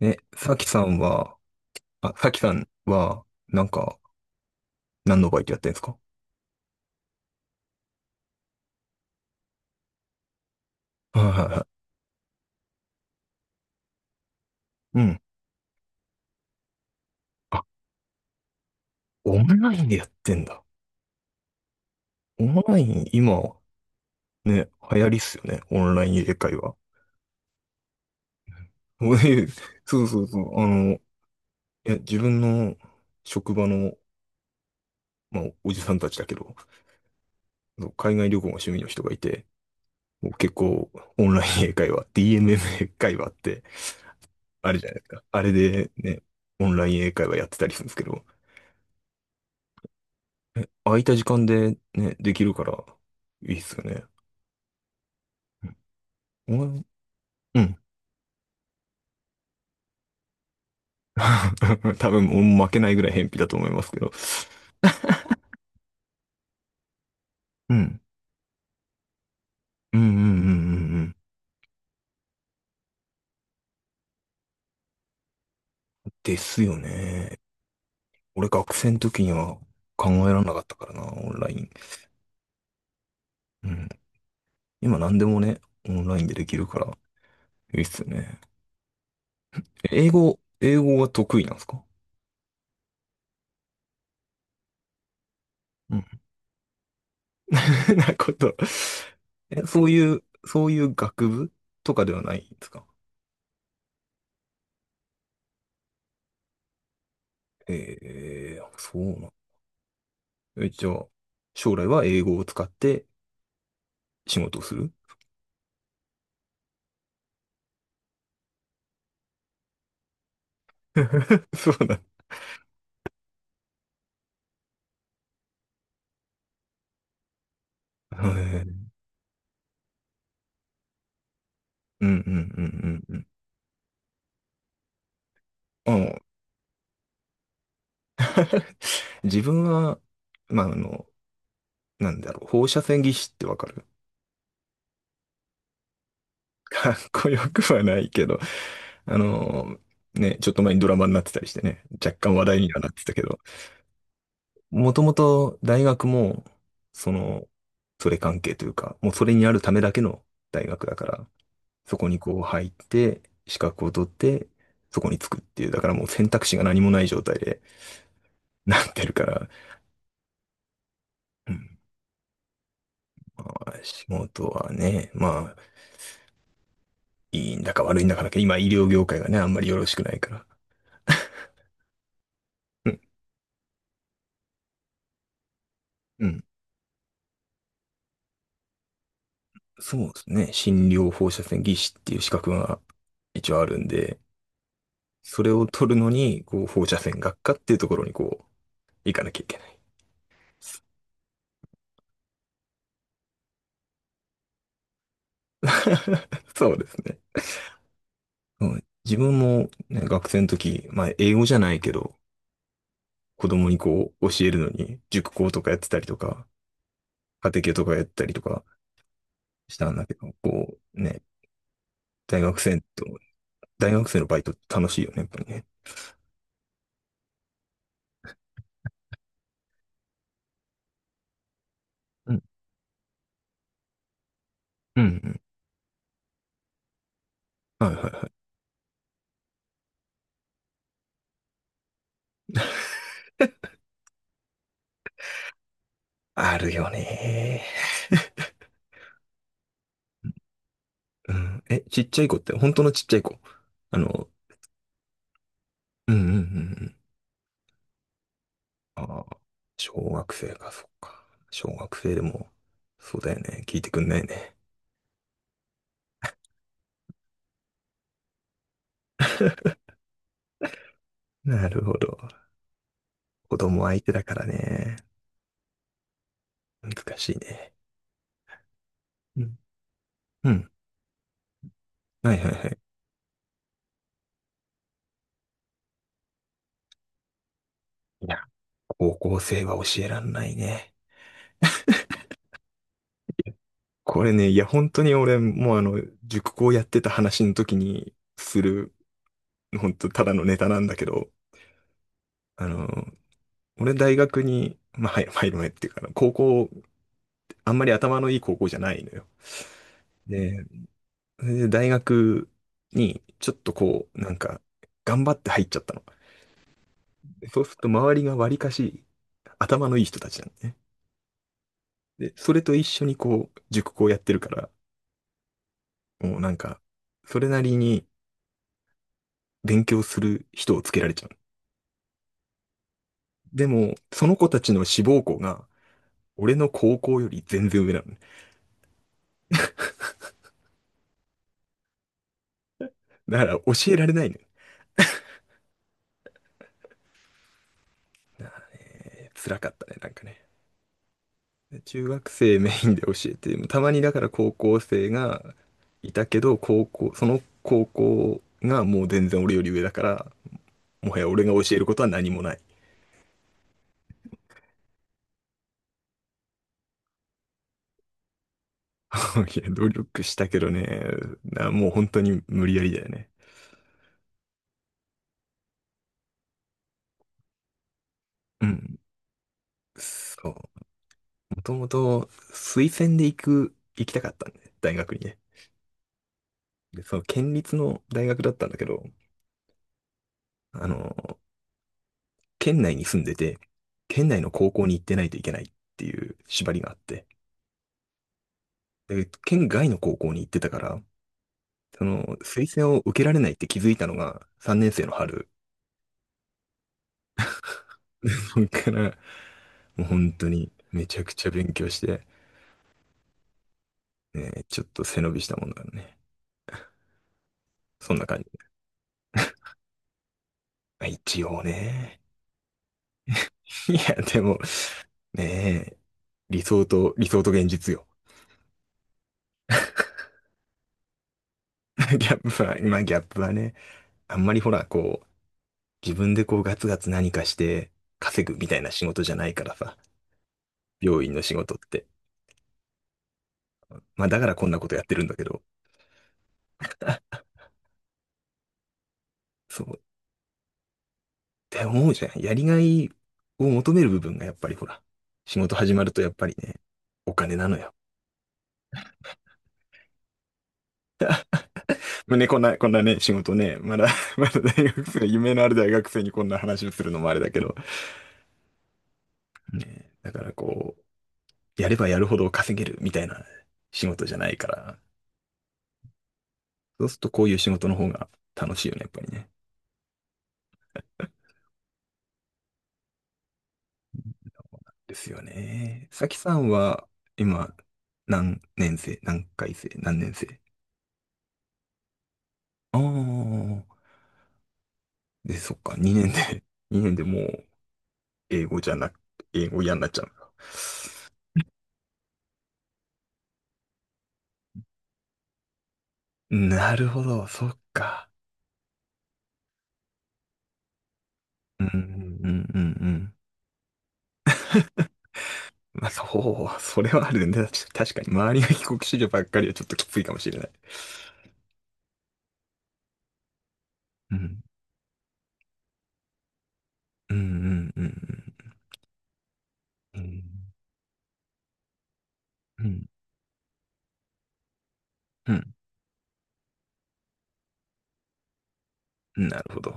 え、さきさんは、あ、さきさんは、なんか、何のバイトやってんですか？はいはいはい。うん。あ、オンラインでやってんだ。オンライン、今、ね、流行りっすよね。オンライン英会話。俺そうそうそう。いや、自分の職場の、まあ、おじさんたちだけど、そう、海外旅行が趣味の人がいて、もう結構、オンライン英会話、DMM 英会話って、あれじゃないですか。あれで、ね、オンライン英会話やってたりするんですけど、空いた時間でね、できるから、いいっすよね。うん。うん。 多分、もう負けないぐらい偏僻だと思いますけど。うん。うんうんうんうんうん。ですよね。俺学生の時には考えられなかったからな、オンライン。うん。今何でもね、オンラインでできるから、いいっすよね。英語は得意なんですか？うん。なこと。そういう学部とかではないんですか？ええ、そう、一応、将来は英語を使って仕事をする。 そうだ。へー。うんうんうんうんうん。あの、自分は、まあ、なんだろう、放射線技師ってわかる？ かっこよくはないけど、あの、ね、ちょっと前にドラマになってたりしてね、若干話題にはなってたけど、もともと大学も、その、それ関係というか、もうそれにあるためだけの大学だから、そこにこう入って、資格を取って、そこに着くっていう、だからもう選択肢が何もない状態で なってるから、うん。まあ、仕事はね、まあ、いいんだか悪いんだかだけど、今医療業界がね、あんまりよろしくないから。うん。うん。そうですね。診療放射線技師っていう資格が一応あるんで、それを取るのに、こう、放射線学科っていうところにこう、行かなきゃいけない。そうですね。うん、自分も、ね、学生の時、まあ英語じゃないけど、子供にこう教えるのに、塾講とかやってたりとか、家庭教とかやったりとかしたんだけど、こうね、大学生と、大学生のバイトって楽しいよね、やっぱりね。うん、うん、うん。はいはいはい。あるよねー。うん。え、ちっちゃい子って、本当のちっちゃい子。あの、うんうんうんうん。ああ、小学生か、そっか。小学生でも、そうだよね。聞いてくんないね。なるほど。子供相手だからね。難しいね。うん。うん。はいはいはい。いや、高校生は教えらんないね。これね、いや、本当に俺、もうあの、塾講やってた話の時にする、本当ただのネタなんだけど、あの、俺大学に、まあ、はい、入る前っていうか、高校、あんまり頭のいい高校じゃないのよ。で、それで大学に、ちょっとこう、なんか、頑張って入っちゃったの。でそうすると周りがわりかし、頭のいい人たちなんだね。で、それと一緒にこう、塾講やってるから、もうなんか、それなりに、勉強する人をつけられちゃう。でも、その子たちの志望校が、俺の高校より全然上なのね。だから教えられないのよね。辛かったね、なんかね。中学生メインで教えて、たまにだから高校生がいたけど、高校、その高校がもう全然俺より上だから、もはや俺が教えることは何もない。いや、努力したけどね、なもう本当に無理やりだよね。うん。そう。もともと推薦で行きたかったんで、大学にね。で、その県立の大学だったんだけど、あの、県内に住んでて、県内の高校に行ってないといけないっていう縛りがあって、で、県外の高校に行ってたから、その、推薦を受けられないって気づいたのが3年生の春。そっから、もう本当にめちゃくちゃ勉強して、ね、ちょっと背伸びしたもんだからね。そんな感じ。まあ一応ね。いや、でも、ねえ、理想と現実よ。ギャップは、まあ、ギャップはね、あんまり、ほら、自分でこうガツガツ何かして稼ぐみたいな仕事じゃないからさ、病院の仕事って。まあ、だからこんなことやってるんだけど、そう、って思うじゃん。やりがいを求める部分がやっぱり、ほら、仕事始まるとやっぱりね、お金なのよ。まあね、こんなね、仕事ね、まだ まだ大学生、夢のある大学生にこんな話をするのもあれだけど、ね、だからこう、やればやるほど稼げるみたいな仕事じゃないから、そうするとこういう仕事の方が楽しいよね、やっぱりね。ですよね。さきさんは、今、何年生？ああー、で、そっか、2年で、2年でもう、英語じゃなく、英語嫌になっちゃう？なるほど、そっか。うん、うん、うん、うんうん。まあ、そう、それはあるね。確かに、周りが帰国子女ばっかりはちょっときついかもしれない。うん、うん、うん、うん、うん、うん、うん、うん。なるほど。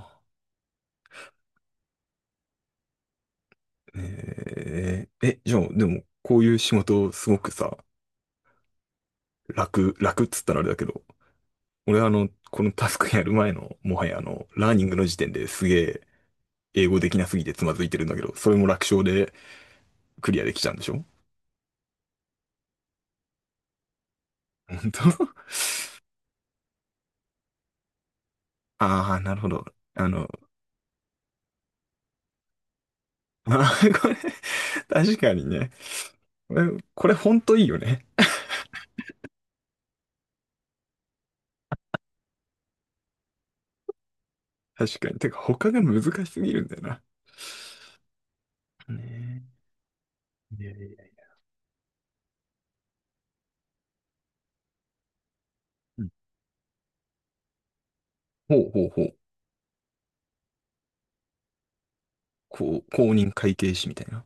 じゃあ、でも、こういう仕事、すごくさ、楽っつったらあれだけど、俺はあの、このタスクやる前の、もはやあの、ラーニングの時点ですげえ、英語できなすぎてつまずいてるんだけど、それも楽勝でクリアできちゃうんでしょ？本当？ ああー、なるほど。あの、あー、これ、確かにね。これ、これほんといいよね。確かに。てか、他が難しすぎるんだよな。ねえ。いやいやいや。うん。ほうほうほう。こう、公認会計士みたいな。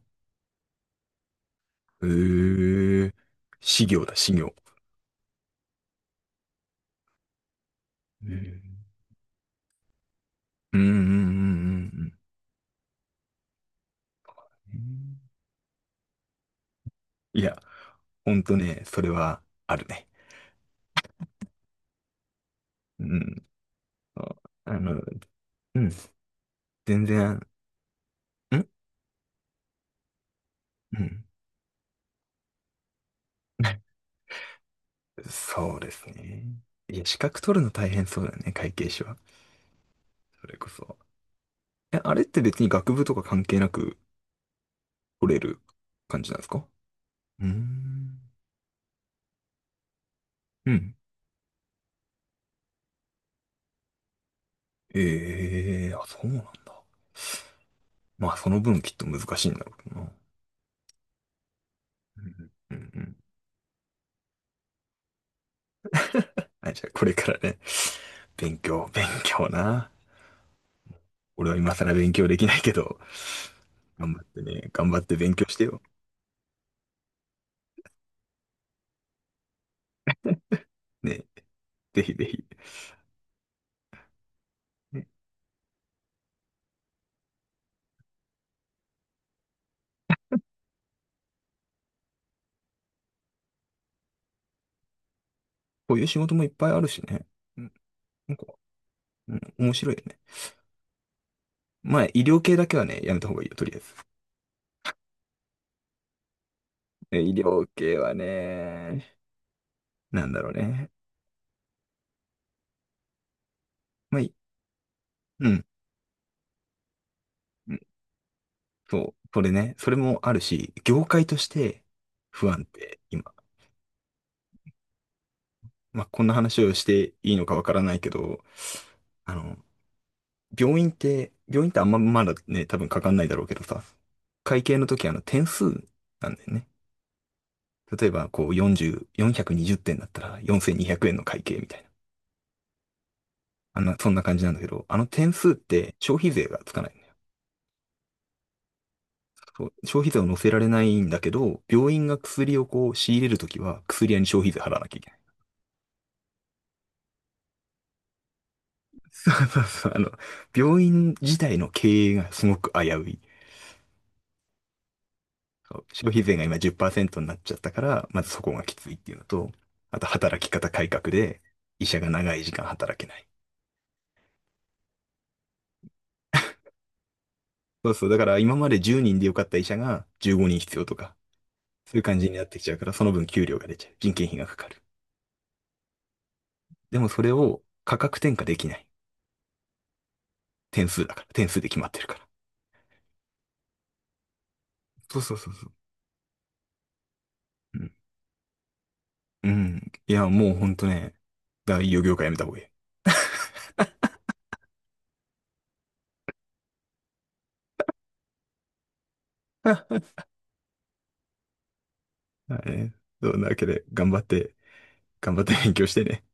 ええ、修行だ、修行。うん。うんうんうんうんうん。いや、ほんとね、それはあるね。うん。ああの、うん。全然、ん、うん。そうですね。いや、資格取るの大変そうだよね、会計士は。それこそ。あれって別に学部とか関係なく取れる感じなんですか？うーん。うん。ええー、あ、そうなんだ。まあ、その分きっと難しいんだろうな。うんうんうん。あ、じゃあこれからね、勉強、勉強な。俺は今更勉強できないけど、頑張ってね、頑張って勉強してよ。ね、ぜひぜひ。ね、こういう仕事もいっぱいあるしね。うん、なんか、うん、面白いよね。まあ、医療系だけはね、やめた方がいいよ、とりあえず。医療系はね、なんだろうね。まあ、うん、うん、そう、それね、それもあるし、業界として不安定、今。まあ、こんな話をしていいのかわからないけど、あの、病院ってあんままだね、多分かかんないだろうけどさ、会計の時あの点数なんだよね。例えばこう40、420点だったら4200円の会計みたいな。あんな、そんな感じなんだけど、あの点数って消費税がつかないんだよ。そう、消費税を乗せられないんだけど、病院が薬をこう仕入れるときは薬屋に消費税払わなきゃいけない。そうそうそう。あの、病院自体の経営がすごく危うい。消費税が今10%になっちゃったから、まずそこがきついっていうのと、あと働き方改革で医者が長い時間働けない。そうそう。だから今まで10人でよかった医者が15人必要とか、そういう感じになってきちゃうから、その分給料が出ちゃう。人件費がかかる。でもそれを価格転嫁できない。点数だから。点数で決まってるから。そうそうそうそう。うん。うん。いや、もうほんとね、大企業業界やめた方がいい。だからね。そんなわけで、頑張って、頑張って勉強してね。